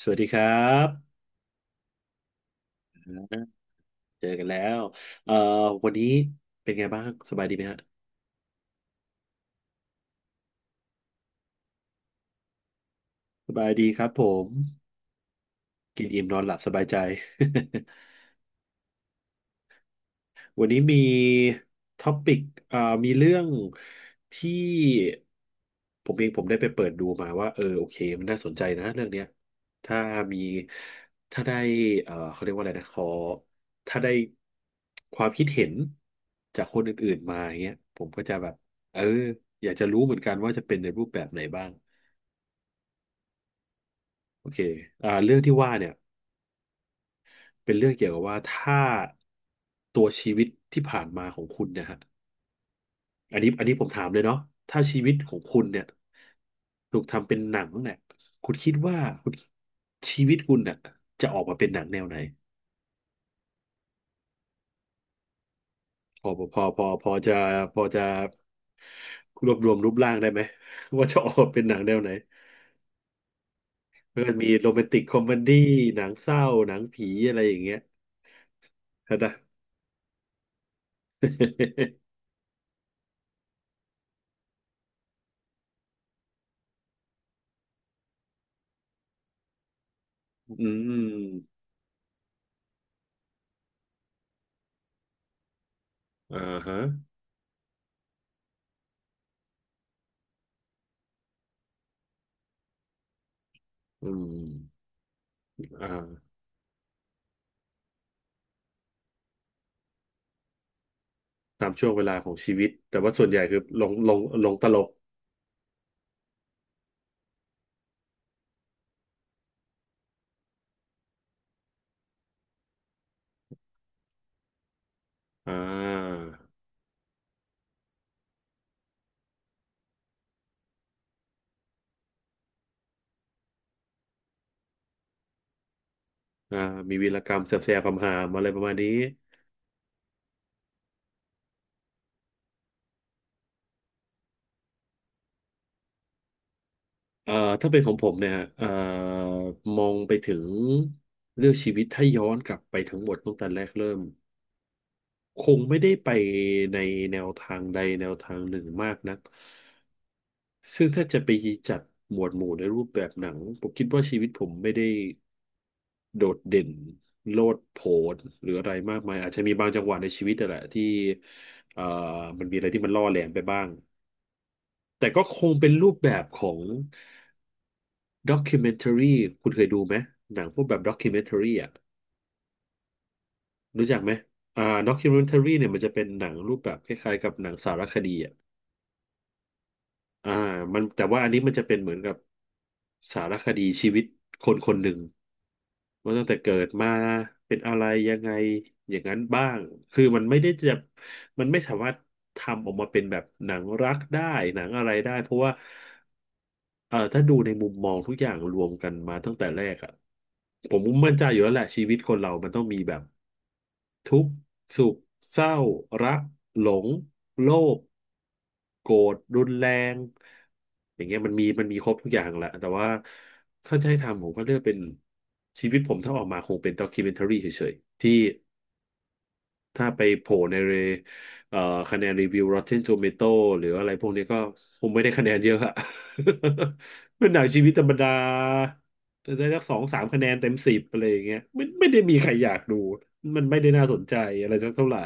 สวัสดีครับ เจอกันแล้วเอ่อวันนี้เป็นไงบ้าง สบายดีไหมฮะสบายดีครับผม กินอิ่มนอนหลับสบายใจ วันนี้มีท็อปิกอ่ามีเรื่องที่ผมเองได้ไปเปิดดูมาว่าเออโอเคมันน่าสนใจนะเรื่องเนี้ยถ้ามีถ้าได้เขาเรียกว่าอะไรนะขอถ้าได้ความคิดเห็นจากคนอื่นๆมาอย่างเงี้ยผมก็จะแบบเอออยากจะรู้เหมือนกันว่าจะเป็นในรูปแบบไหนบ้างโอเคเรื่องที่ว่าเนี่ยเป็นเรื่องเกี่ยวกับว่าถ้าตัวชีวิตที่ผ่านมาของคุณนะฮะ อันนี้ผมถามเลยเนาะถ้าชีวิตของคุณเนี่ยถูกทำเป็นหนังเนี่ยคุณคิดว่าคุณชีวิตคุณเนี่ยจะออกมาเป็นหนังแนวไหนพอพอพอพอจะพอจะรวบรวมรูปร่างได้ไหม ว่าจะออกมาเป็นหนังแนวไหนมันก็มีโรแมนติกคอมเมดี้หนังเศร้าหนังผีอะไรอย่างเงี้ยนะ อืมอ่าฮะอืมอ่าตามช่วงเวลาของชีวิตแต่ว่าส่วนใหญ่คือลงลงลงตลก อ่าอ่ามีวีรกรรมแสบๆคำหามอะไรประมาณนี้เอ่อถ้าเป็นของผมเนี่ยฮะมองไปถึงเลือกชีวิตถ้าย้อนกลับไปทั้งหมดตั้งแต่แรกเริ่มคงไม่ได้ไปในแนวทางใดแนวทางหนึ่งมากนักซึ่งถ้าจะไปจัดหมวดหมู่ในรูปแบบหนังผมคิดว่าชีวิตผมไม่ได้โดดเด่นโลดโผนหรืออะไรมากมายอาจจะมีบางจังหวะในชีวิตนั่นแหละที่เอ่อมันมีอะไรที่มันล่อแหลมไปบ้าง แต่ก็คงเป็นรูปแบบของด็อก m ิเมน r รีคุณเคยดูไหมหนังพวกแบบด็อก m ิเมน r รีอ่ะรู้จักไหมด็อก m ิเมน r รีเนี่ยมันจะเป็นหนังรูปแบบคล้ายๆกับหนังสารคดีอ่ะอ่ามันแต่ว่าอันนี้มันจะเป็นเหมือนกับสารคดีชีวิตคนคนหนึ่งว่าตั้งแต่เกิดมาเป็นอะไรยังไงอย่างนั้นบ้างคือมันไม่สามารถทำออกมาเป็นแบบหนังรักได้หนังอะไรได้เพราะว่า ถ้าดูในมุมมองทุกอย่างรวมกันมาตั้งแต่แรกอะผมมั่นใจอยู่แล้วแหละชีวิตคนเรามันต้องมีแบบทุกข์สุขเศร้ารักหลงโลภโกรธรุนแรงอย่างเงี้ยมันมีครบทุกอย่างแหละแต่ว่าถ้าจะให้ทำผมก็เลือกเป็นชีวิตผมถ้าออกมาคงเป็นด็อกิเมนทารีเฉยๆที่ ถ้าไปโผล่ในเรเอ่อคะแนนรีวิว Rotten Tomato หรืออะไรพวกนี้ก็คงไม่ได้คะแนนเยอะอะ เป็นหนังชีวิตธรรมดาได้สักสองสามคะแนนเต็มสิบอะไรอย่างเงี้ยไม่ได้มีใครอยากดูมันไม่ได้น่าสนใจอะไรสักเท่าไหร่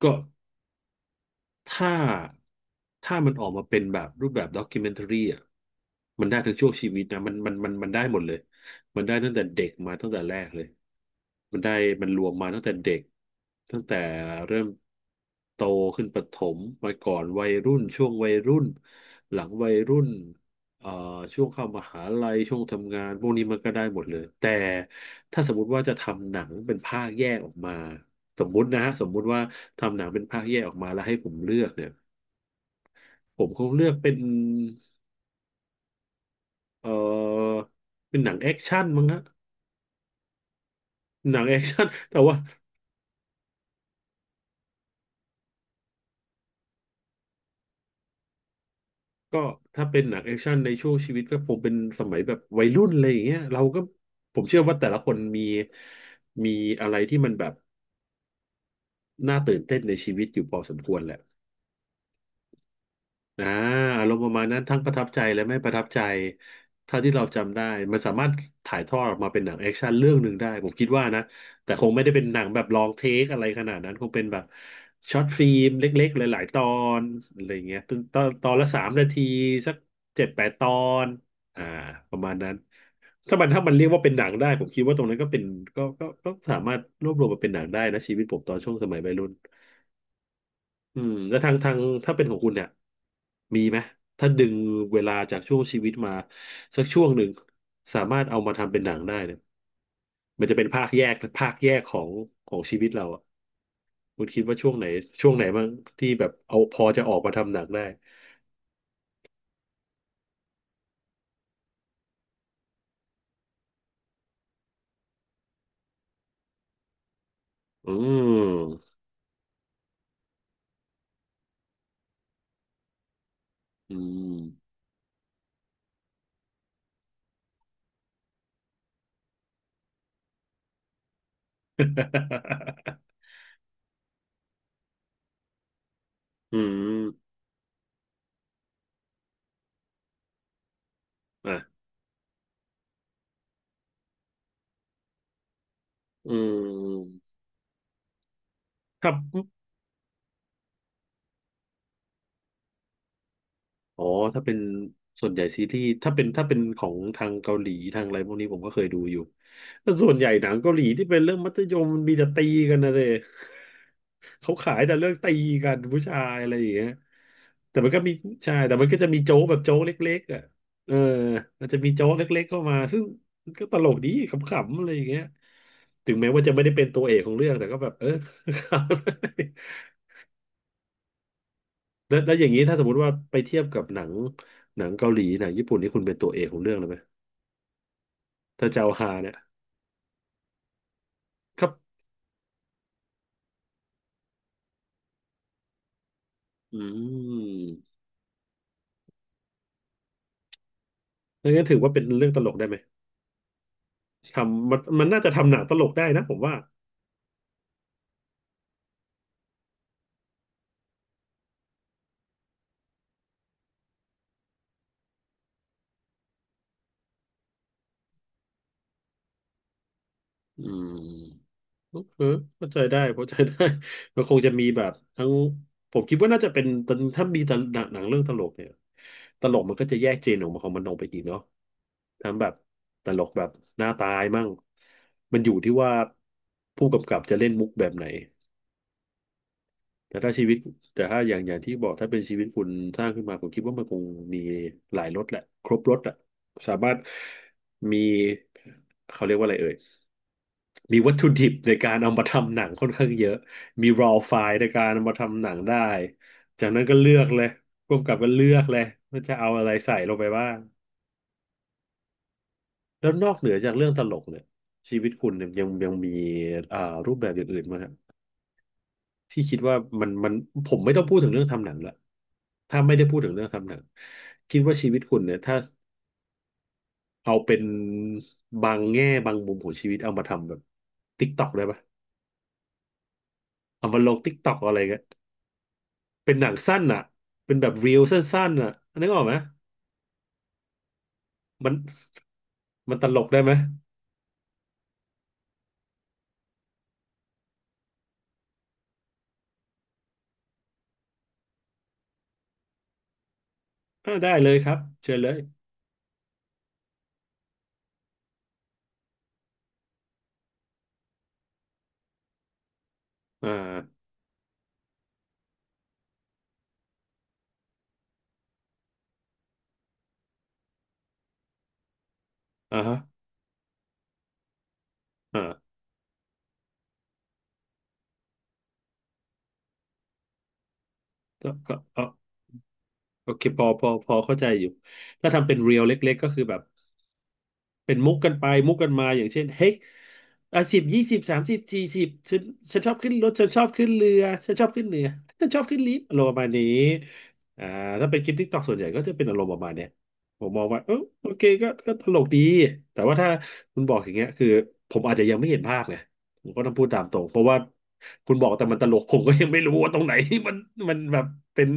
ก็ ถ้าถ้ามันออกมาเป็นแบบรูปแบบด็อก m e เ t a r รีอ่ะมันได้ทั้งช่วงชีวิตนะมันได้หมดเลยมันได้ตั้งแต่เด็กมาตั้งแต่แรกเลยมันได้มันรวมมาตั้งแต่เด็กตั้งแต่เริ่มโตขึ้นประถมมาก่อนวัยรุ่นช่วงวัยรุ่นหลังวัยรุ่นเอ่อช่วงเข้ามหาลัยช่วงทำงานพวกนี้มันก็ได้หมดเลยแต่ถ้าสมมติว่าจะทำหนังเป็นภาคแยกออกมา สมมุตินะฮะสมมุติว่าทำหนังเป็นภาคแยกออกมาแล้วให้ผมเลือกเนี่ยผมคงเลือกเป็นเอ่อเป็นหนังแอคชั่นมั้งฮะหนังแอคชั่น แต่ว่าก็ถ้าเป็นหนังแอคชั่นในช่วงชีวิตก็ผมเป็นสมัยแบบวัยรุ่นอะไรอย่างเงี้ยเราก็ผมเชื่อว่าแต่ละคนมีอะไรที่มันแบบน่าตื่นเต้นในชีวิตอยู่พอสมควรแหละ อ่าอารมณ์ประมาณนั้นทั้งประทับใจและไม่ประทับใจถ้าที่เราจำได้มันสามารถถ่ายทอดออกมาเป็นหนังแอคชั่นเรื่องหนึ่งได้ผมคิดว่านะแต่คงไม่ได้เป็นหนังแบบลองเทคอะไรขนาดนั้นคงเป็นแบบช็อตฟิล์มเล็กๆหลายๆตอนอะไรอย่างเงี้ยตอนละ3 นาทีสัก7-8 ตอนอ่าประมาณนั้นถ้ามันเรียกว่าเป็นหนังได้ผมคิดว่าตรงนั้นก็เป็นก็สามารถรวบรวมมาเป็นหนังได้นะชีวิตผมตอนช่วงสมัยวัยรุ่น แล้วทางถ้าเป็นของคุณเนี่ยมีไหมถ้าดึงเวลาจากช่วงชีวิตมาสักช่วงหนึ่งสามารถเอามาทำเป็นหนังได้เนี่ยมันจะเป็นภาคแยกของชีวิตเราอ่ะคุณคิดว่าช่วงไหนช่วงไหนบ้างที่แบบเอาพอจะออกมาทำหนังได้อืมอืม อืมอ่ะอืมครับ อ๋อถ้าเป็นส่วนใหญ่ซีรีส์ถ้าเป็นของทางเกาหลีทางอะไรพวกนี้ผมก็เคยดูอยู่แต่ส่วนใหญ่หนังเกาหลีที่เป็นเรื่องมัธยมมันมีแต่ตีกันนะเด้ เขาขายแต่เรื่องตีกันผู้ชายอะไรอย่างเงี้ยแต่มันก็มีใช่แต่มันก็จะมีโจ๊กแบบโจ๊กเล็กๆอ่ะเออมันจะมีโจ๊กเล็กๆเข้ามาซึ่งมันก็ตลกดีขำๆอะไรอย่างเงี้ยถึงแม้ว่าจะไม่ได้เป็นตัวเอกของเรื่องแต่ก็แบบเออ แล้วอย่างนี้ถ้าสมมติว่าไปเทียบกับหนังหนังเกาหลีหนังญี่ปุ่นนี่คุณเป็นตัวเอกของเรื่องเลยไหมถ้าจะเอาฮาเนี่ยครับอืมงั้นถือว่าเป็นเรื่องตลกได้ไหมทำมันน่าจะทำหนังตลกได้นะผมว่าอืม เออเข้าใจได้เข้าใจได้ มันคงจะมีแบบทั้งผมคิดว่าน่าจะเป็นตอนถ้ามีตลหนังหนังเรื่องตลกเนี่ยตลกมันก็จะแยกเจนออกมาของมันออกไปอีกเนาะทั้งแบบตลกแบบหน้าตายมั่งมันอยู่ที่ว่าผู้กำกับจะเล่นมุกแบบไหนแต่ถ้าชีวิตแต่ถ้าอย่างที่บอกถ้าเป็นชีวิตคุณสร้างขึ้นมาผมคิดว่ามันคงมีหลายรสแหละครบรสอะสามารถมีเขาเรียกว่าอะไรเอ่ย มีวัตถุดิบในการเอามาทำหนังค่อนข้างเยอะมี raw file ในการเอามาทำหนังได้จากนั้นก็เลือกเลยร่วมกับก็เลือกเลยว่าจะเอาอะไรใส่ลงไปบ้างแล้วนอกเหนือจากเรื่องตลกเนี่ยชีวิตคุณเนี่ยยังมีอ่ารูปแบบอย่างอื่นไหมาครับที่คิดว่ามันมันผมไม่ต้องพูดถึงเรื่องทำหนังละถ้าไม่ได้พูดถึงเรื่องทำหนัง คิดว่าชีวิตคุณเนี่ยถ้าเอาเป็นบางแง่บางมุมของชีวิตเอามาทำแบบติ๊กตอกได้ปะเอามาลงติ๊กตอกอะไรเงี้ย เป็นหนังสั้นอ่ะ เป็นแบบรีลสั้นๆอ่ะนึกออกไหมมันมันตลกได้ไหมอ่าได้เลยครับ เชิญเลย อ่าอ่าฮะอ่าก็โอเคพอ พอเข้าใจอยู่ ถ้าทำเป็นเรียลเล็กๆก็คือแบบ เป็นมุกกันไปมุกกันมาอย่างเช่นเฮ้ยอ่ะสิบยี่สิบสามสิบสี่สิบฉันชอบขึ้นรถฉันชอบขึ้นเรือฉันชอบขึ้นเหนือฉันชอบขึ้นลิฟต์อารมณ์ประมาณนี้อ่าถ้าเป็นคลิปทิกตอกส่วนใหญ่ก็จะเป็นอารมณ์ประมาณเนี้ยผมมองว่าเออโอเคก็ตลกดีแต่ว่าถ้าคุณบอกอย่างเงี้ยคือผมอาจจะยังไม่เห็นภาพไงผมก็ต้องพูดตามตรงเพราะว่าคุณบอกแต่มันตลกผมก็ยังไม่รู้ว่าตรงไหน มันมันแบบเป็น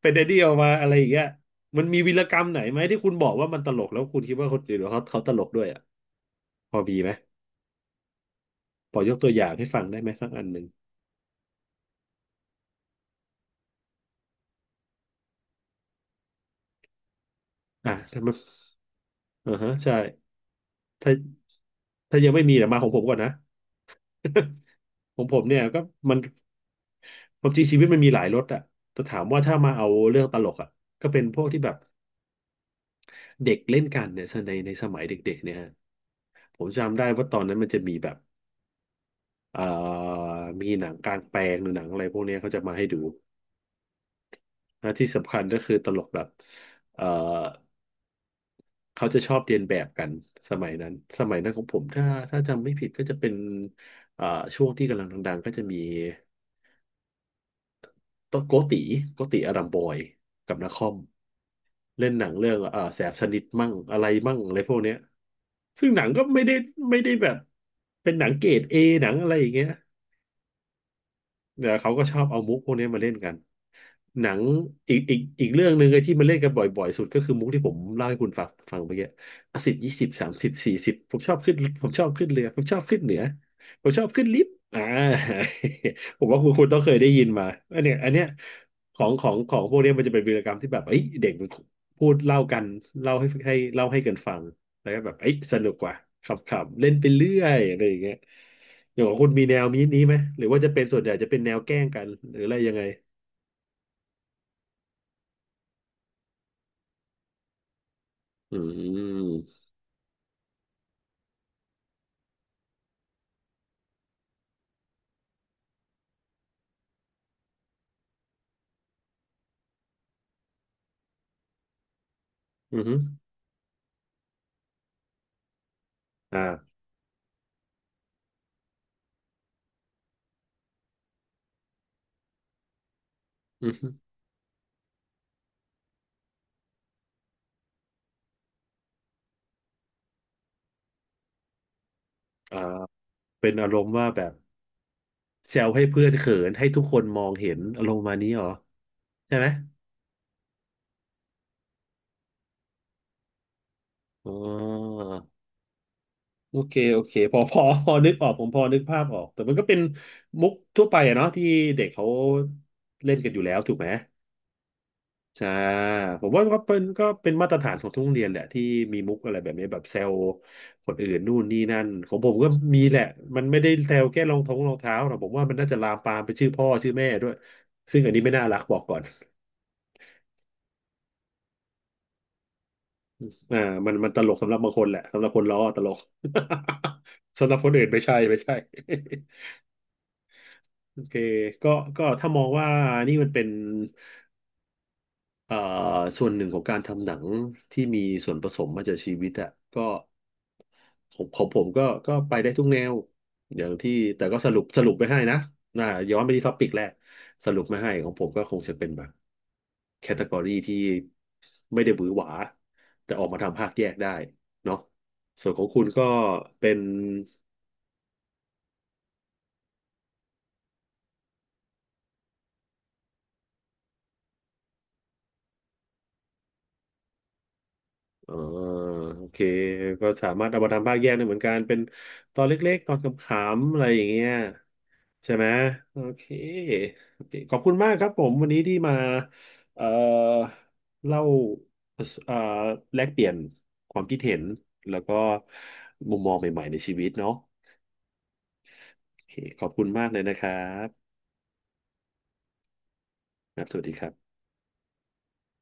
เป็นไอเดียออกมาอะไรอย่างเงี้ย มันมีวีรกรรมไหนไหมที่คุณบอกว่ามันตลกแล้วคุณคิดว่าคนอื่นเขาตลกด้วยอ่ะพอมีไหมพอยกตัวอย่างให้ฟังได้ไหมสักอันหนึ่งอ่ะถ้ามันอ่าฮะใช่ถ้ายังไม่มีเดี๋ยวมาของผมก่อนนะ ของผมเนี่ยก็มันความจริงชีวิตมันมีหลายรสอ่ะแต่ถามว่าถ้ามาเอาเรื่องตลกอ่ะก็เป็นพวกที่แบบเด็กเล่นกันเนี่ยในสมัยเด็กๆเนี่ยฮะผมจำได้ว่าตอนนั้นมันจะมีแบบเอ่อมีหนังกลางแปลงหรือหนังอะไรพวกเนี้ยเขาจะมาให้ดูนะที่สำคัญก็คือตลกแบบเอ่อ เขาจะชอบเรียนแบบกันสมัยนั้นสมัยนั้นของผมถ้าจำไม่ผิดก็จะเป็นเอ่าช่วงที่กำลังดังๆก็จะมีโตโกติโกติอารัมบอยกับนครเล่นหนังเรื่องเอ่าแสบสนิทมั่งอะไรมั่งอะไรพวกเนี้ยซึ่งหนังก็ไม่ได้แบบเป็นหนังเกรดเอหนังอะไรอย่างเงี้ย เดี๋ยวเขาก็ชอบเอามุกพวกนี้มาเล่นกัน หนังอีกเรื่องหนึ่งไอ้ที่มันเล่นกันบ่อยๆสุดก็คือมุกที่ผมเล่าให้คุณฟังเมื่อกี้อ่ะสิบยี่สิบสามสิบสี่สิบผมชอบขึ้นเรือผมชอบขึ้นเหนือผมชอบขึ้นลิฟต์อ่า ผมว่าคุณต้องเคยได้ยินมาอันเนี้ยอันเนี้ยของพวกเนี้ยมันจะเป็นวีรกรรมที่แบบเอ้ยเด็กมันพูดเล่ากันเล่าให้กันฟัง แล้วก็แบบเอ้ยสนุกว่ะขำๆเล่นไปเรื่อยอะไรอย่างเงี้ยอย่างของคุณมีแนวนี้ไหมหรือว่าจะเป็นส่วนใหญ่จะเป็นแนวแกล้งกัน หรืออะไรยังไงอืมอือฮึอ่าอือฮึอ่าเป็นอารมณ์ว่าแบบแซวให้เพื่อนเขินให้ทุกคนมองเห็นอารมณ์มานี้เหรอใช่ไหมอ๋อ โอเค โอเคพอนึกออกผมพอนึกภาพออกแต่มันก็เป็นมุกทั่วไปอะเนาะที่เด็กเขาเล่นกันอยู่แล้วถูกไหม ใช่ผมว่าก็เป็นมาตรฐานของทุกโรงเรียนแหละที่มีมุกอะไรแบบนี้แบบแซวคนอื่นนู่นนี่นั่นของผมก็มีแหละมันไม่ได้แซวแค่รองเท้าหรอกผมว่ามันน่าจะลามปามไปชื่อพ่อชื่อแม่ด้วยซึ่งอันนี้ไม่น่ารักบอกก่อนอ่ามันตลกสำหรับบางคนแหละสำหรับคนล้อตลก สำหรับคนอื่นไม่ใช่ไม่ใช่ โอเคก็ก็ถ้ามองว่านี่มันเป็นเอ่อส่วนหนึ่งของการทำหนังที่มีส่วนผสมมาจากชีวิตอะก็ ผมของผมก็ไปได้ทุกแนวอย่างที่แต่ก็สรุปไปให้นะน่าย้อนไปที่ท็อปิกแรกสรุปไม่ให้ของผมก็คงจะเป็นแบบแคตตากรีที่ไม่ได้หวือหวาแต่ออกมาทำภาคแยกได้เนาะส่วนของคุณก็เป็น อ๋อโอเคก็สามารถเอามาทำภาคแยกได้เหมือนกันเป็นตอนเล็กๆตอนขำๆอะไรอย่างเงี้ยใช่ไหมโอเคโอเคขอบคุณมากครับผมวันนี้ที่มาเอ่อเล่าเอ่อแลกเปลี่ยนความคิดเห็นแล้วก็มุมมองใหม่ๆในชีวิตเนาะโอเคขอบคุณมากเลยนะครับครับสวัสดีครับ